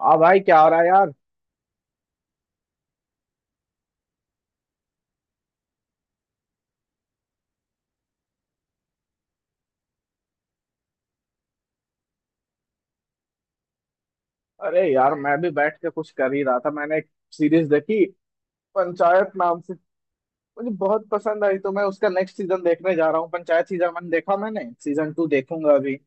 हाँ भाई, क्या हो रहा है यार। अरे यार, मैं भी बैठ के कुछ कर ही रहा था। मैंने एक सीरीज देखी पंचायत नाम से। मुझे बहुत पसंद आई तो मैं उसका नेक्स्ट सीजन देखने जा रहा हूँ। पंचायत सीजन वन देखा मैंने, सीजन टू देखूंगा अभी।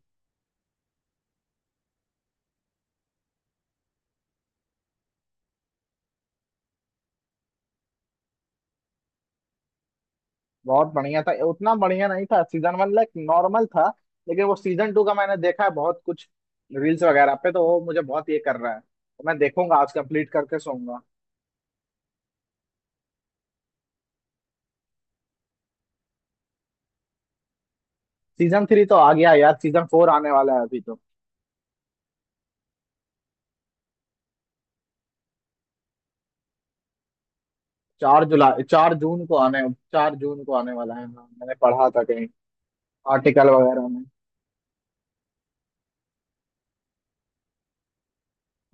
बहुत बढ़िया था, उतना बढ़िया नहीं था सीजन वन, लाइक नॉर्मल था। लेकिन वो सीजन टू का मैंने देखा है बहुत कुछ, रील्स वगैरह पे, तो वो मुझे बहुत ये कर रहा है, तो मैं देखूंगा आज कंप्लीट करके सोऊंगा। सीजन थ्री तो आ गया है यार, सीजन फोर आने वाला है अभी तो। चार जुलाई चार जून को आने 4 जून को आने वाला है, हाँ। मैंने पढ़ा था कहीं आर्टिकल वगैरह में।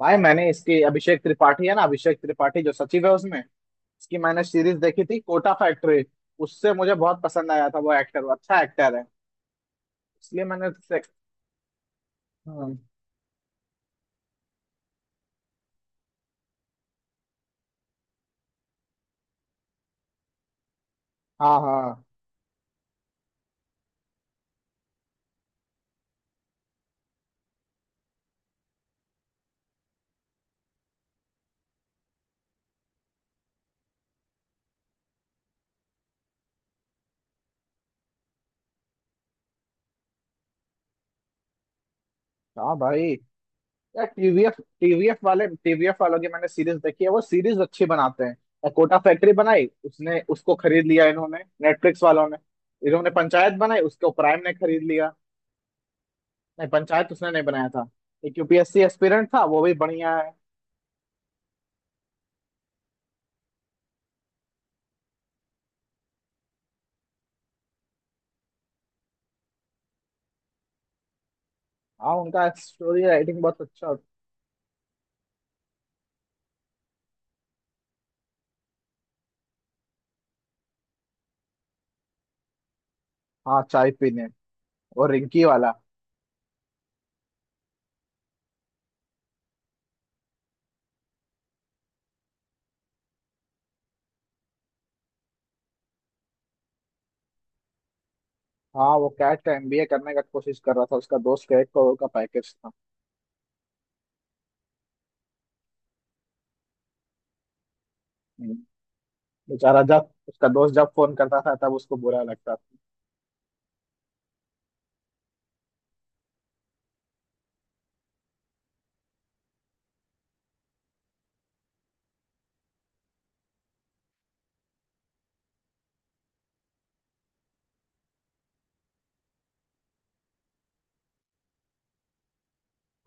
भाई, मैंने इसकी अभिषेक त्रिपाठी है ना, अभिषेक त्रिपाठी जो सचिव है उसमें, इसकी मैंने सीरीज देखी थी कोटा फैक्ट्री। उससे मुझे बहुत पसंद आया था वो एक्टर, वो अच्छा एक्टर है। इसलिए मैंने उससे- हाँ, हाँ, हाँ, हाँ भाई। यार, टीवीएफ टीवीएफ वाले टीवीएफ वालों की मैंने सीरीज देखी है। वो सीरीज अच्छी बनाते हैं यार, कोटा फैक्ट्री बनाई उसने, उसको खरीद लिया इन्होंने, नेटफ्लिक्स वालों ने। इन्होंने पंचायत बनाई, उसको प्राइम ने खरीद लिया। नहीं, पंचायत उसने नहीं बनाया था। एक यूपीएससी एस्पिरेंट था, वो भी बढ़िया है। हाँ, उनका स्टोरी राइटिंग बहुत अच्छा होता- हाँ, चाय पीने और रिंकी वाला। हाँ, वो कैट का एमबीए करने का कोशिश कर रहा था, उसका दोस्त का 1 करोड़ का पैकेज था। हम्म, बेचारा, जब उसका दोस्त जब फोन करता था तब उसको बुरा लगता था।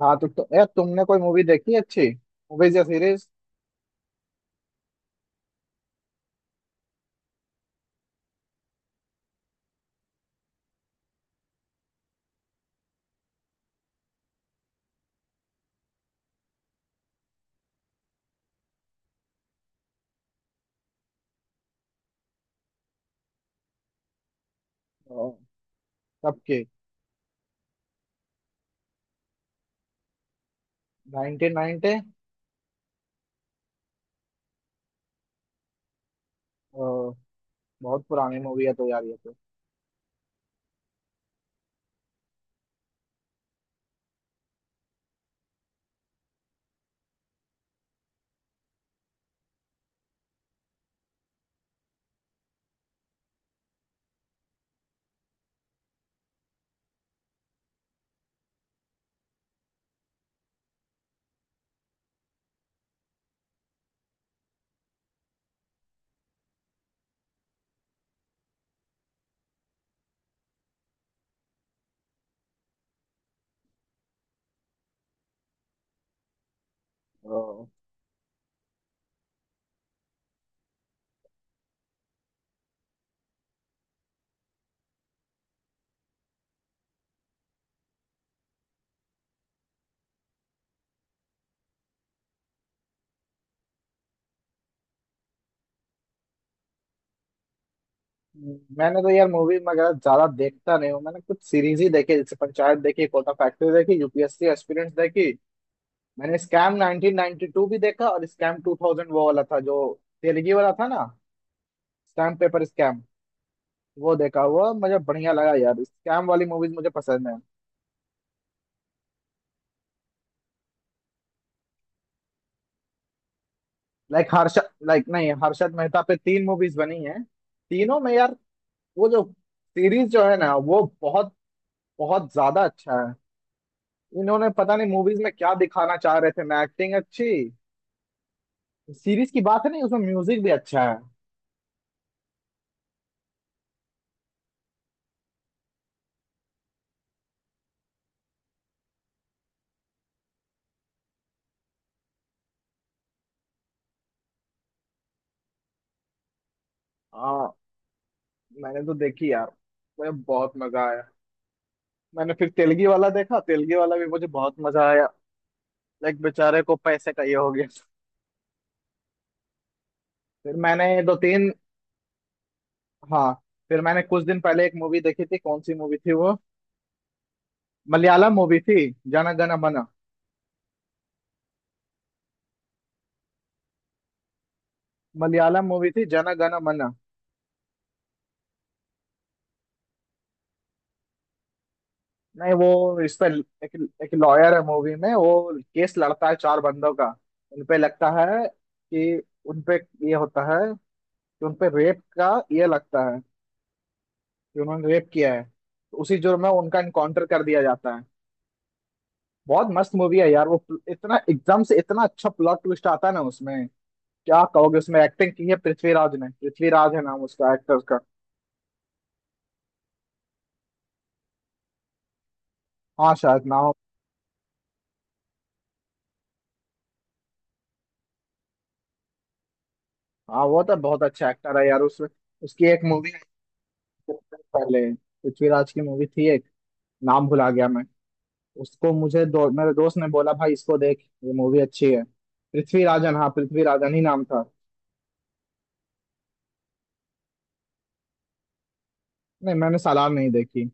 हाँ, तो यार, तुमने कोई मूवी देखी है अच्छी? मूवीज या सीरीज? कब की? 1990। बहुत पुरानी मूवी है तो यार ये। तो मैंने तो यार मूवी वगैरह ज्यादा देखता नहीं हूँ। मैंने कुछ सीरीज ही देखी, जैसे पंचायत देखी, कोटा फैक्ट्री देखी, यूपीएससी एस्पिरेंट्स देखी। मैंने स्कैम 1992 भी देखा और स्कैम 2000, वो वाला था जो तेलगी वाला था ना, स्टैम्प पेपर स्कैम। वो देखा हुआ, मुझे बढ़िया लगा यार, स्कैम वाली मूवीज मुझे पसंद है। लाइक हर्ष लाइक नहीं, हर्षद मेहता पे तीन मूवीज बनी है। तीनों में यार वो जो सीरीज जो है ना वो बहुत बहुत ज्यादा अच्छा है। इन्होंने पता नहीं मूवीज में क्या दिखाना चाह रहे थे ना, एक्टिंग अच्छी। सीरीज की बात है नहीं, उसमें म्यूजिक भी अच्छा है। हाँ, मैंने तो देखी यार, मुझे बहुत मजा आया। मैंने फिर तेलगी वाला देखा, तेलगी वाला भी मुझे बहुत मजा आया। लाइक बेचारे को पैसे का ये हो गया। फिर मैंने दो तीन। हाँ, फिर मैंने कुछ दिन पहले एक मूवी देखी थी, कौन सी मूवी थी वो, मलयालम मूवी थी जन गण मन। मलयालम मूवी थी जन गण मन। नहीं, वो इस पे एक लॉयर है मूवी में, वो केस लड़ता है चार बंदों का। उनपे लगता है कि उनपे ये होता है कि उनपे रेप का ये लगता है, कि उन्होंने रेप किया है। तो उसी जुर्म में उनका इनकाउंटर कर दिया जाता है। बहुत मस्त मूवी है यार, वो प्ल- इतना एकदम से इतना अच्छा प्लॉट ट्विस्ट आता है ना उसमें। क्या कहोगे, उसमें एक्टिंग की है पृथ्वीराज ने, पृथ्वीराज है नाम उसका एक्टर का। हाँ, शायद नाम। हाँ, वो तो बहुत अच्छा एक्टर है यार उसमें। उसकी एक मूवी, पहले पृथ्वीराज की मूवी थी एक, नाम भुला गया मैं। उसको मेरे दोस्त ने बोला, भाई इसको देख, ये मूवी अच्छी है। पृथ्वीराजन, हाँ पृथ्वीराजन ही नाम था। नहीं, मैंने सालार नहीं देखी।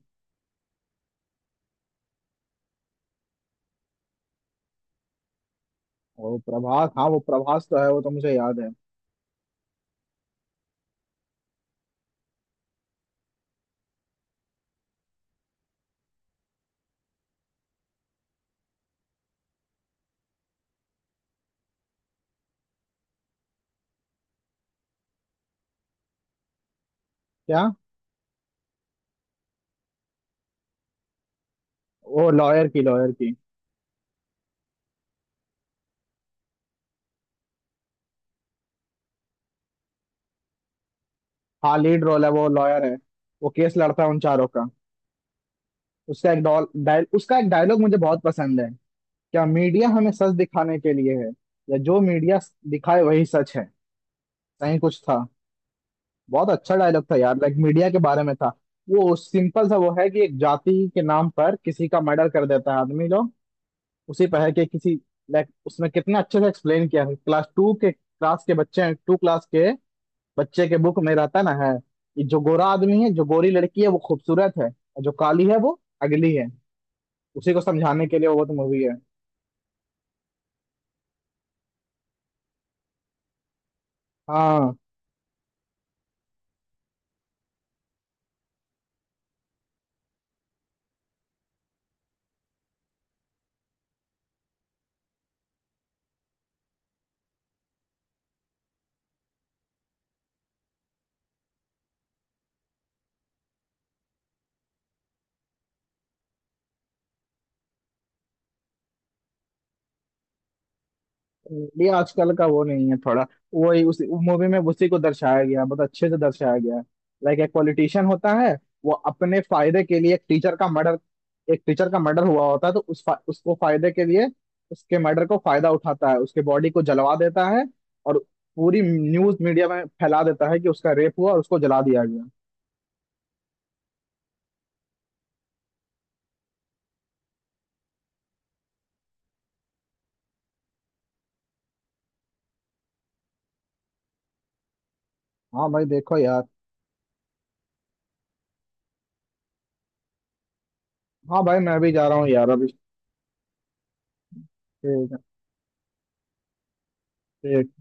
वो प्रभास, हाँ वो प्रभास तो है, वो तो मुझे याद है। क्या? वो लॉयर की, लॉयर की। हाँ, लीड रोल है, वो लॉयर है। वो केस लड़ता है उन चारों का। उसका एक डॉल डायल उसका एक डायलॉग मुझे बहुत पसंद है। क्या मीडिया हमें सच दिखाने के लिए है, या जो मीडिया दिखाए वही सच है? सही कुछ था, बहुत अच्छा डायलॉग था यार, लाइक मीडिया के बारे में था। वो सिंपल सा वो है कि एक जाति के नाम पर किसी का मर्डर कर देता है आदमी लोग, उसी पर है कि किसी, लाइक उसमें कितना अच्छे से एक्सप्लेन किया है। क्लास टू के क्लास के बच्चे हैं, टू क्लास के बच्चे के बुक में रहता ना है, ये जो गोरा आदमी है, जो गोरी लड़की है वो खूबसूरत है और जो काली है वो अगली है। उसी को समझाने के लिए वो तो मूवी है। हाँ, ये आजकल का वो नहीं है थोड़ा, वही उस मूवी में उसी को दर्शाया गया, बहुत अच्छे से दर्शाया गया है। लाइक एक पॉलिटिशियन होता है, वो अपने फायदे के लिए एक टीचर का मर्डर हुआ होता है तो उसको फायदे के लिए उसके मर्डर को फायदा उठाता है, उसके बॉडी को जलवा देता है। और पूरी न्यूज मीडिया में फैला देता है कि उसका रेप हुआ और उसको जला दिया गया। हाँ भाई, देखो यार। हाँ भाई, मैं भी जा रहा हूँ यार अभी। ठीक है, ठीक।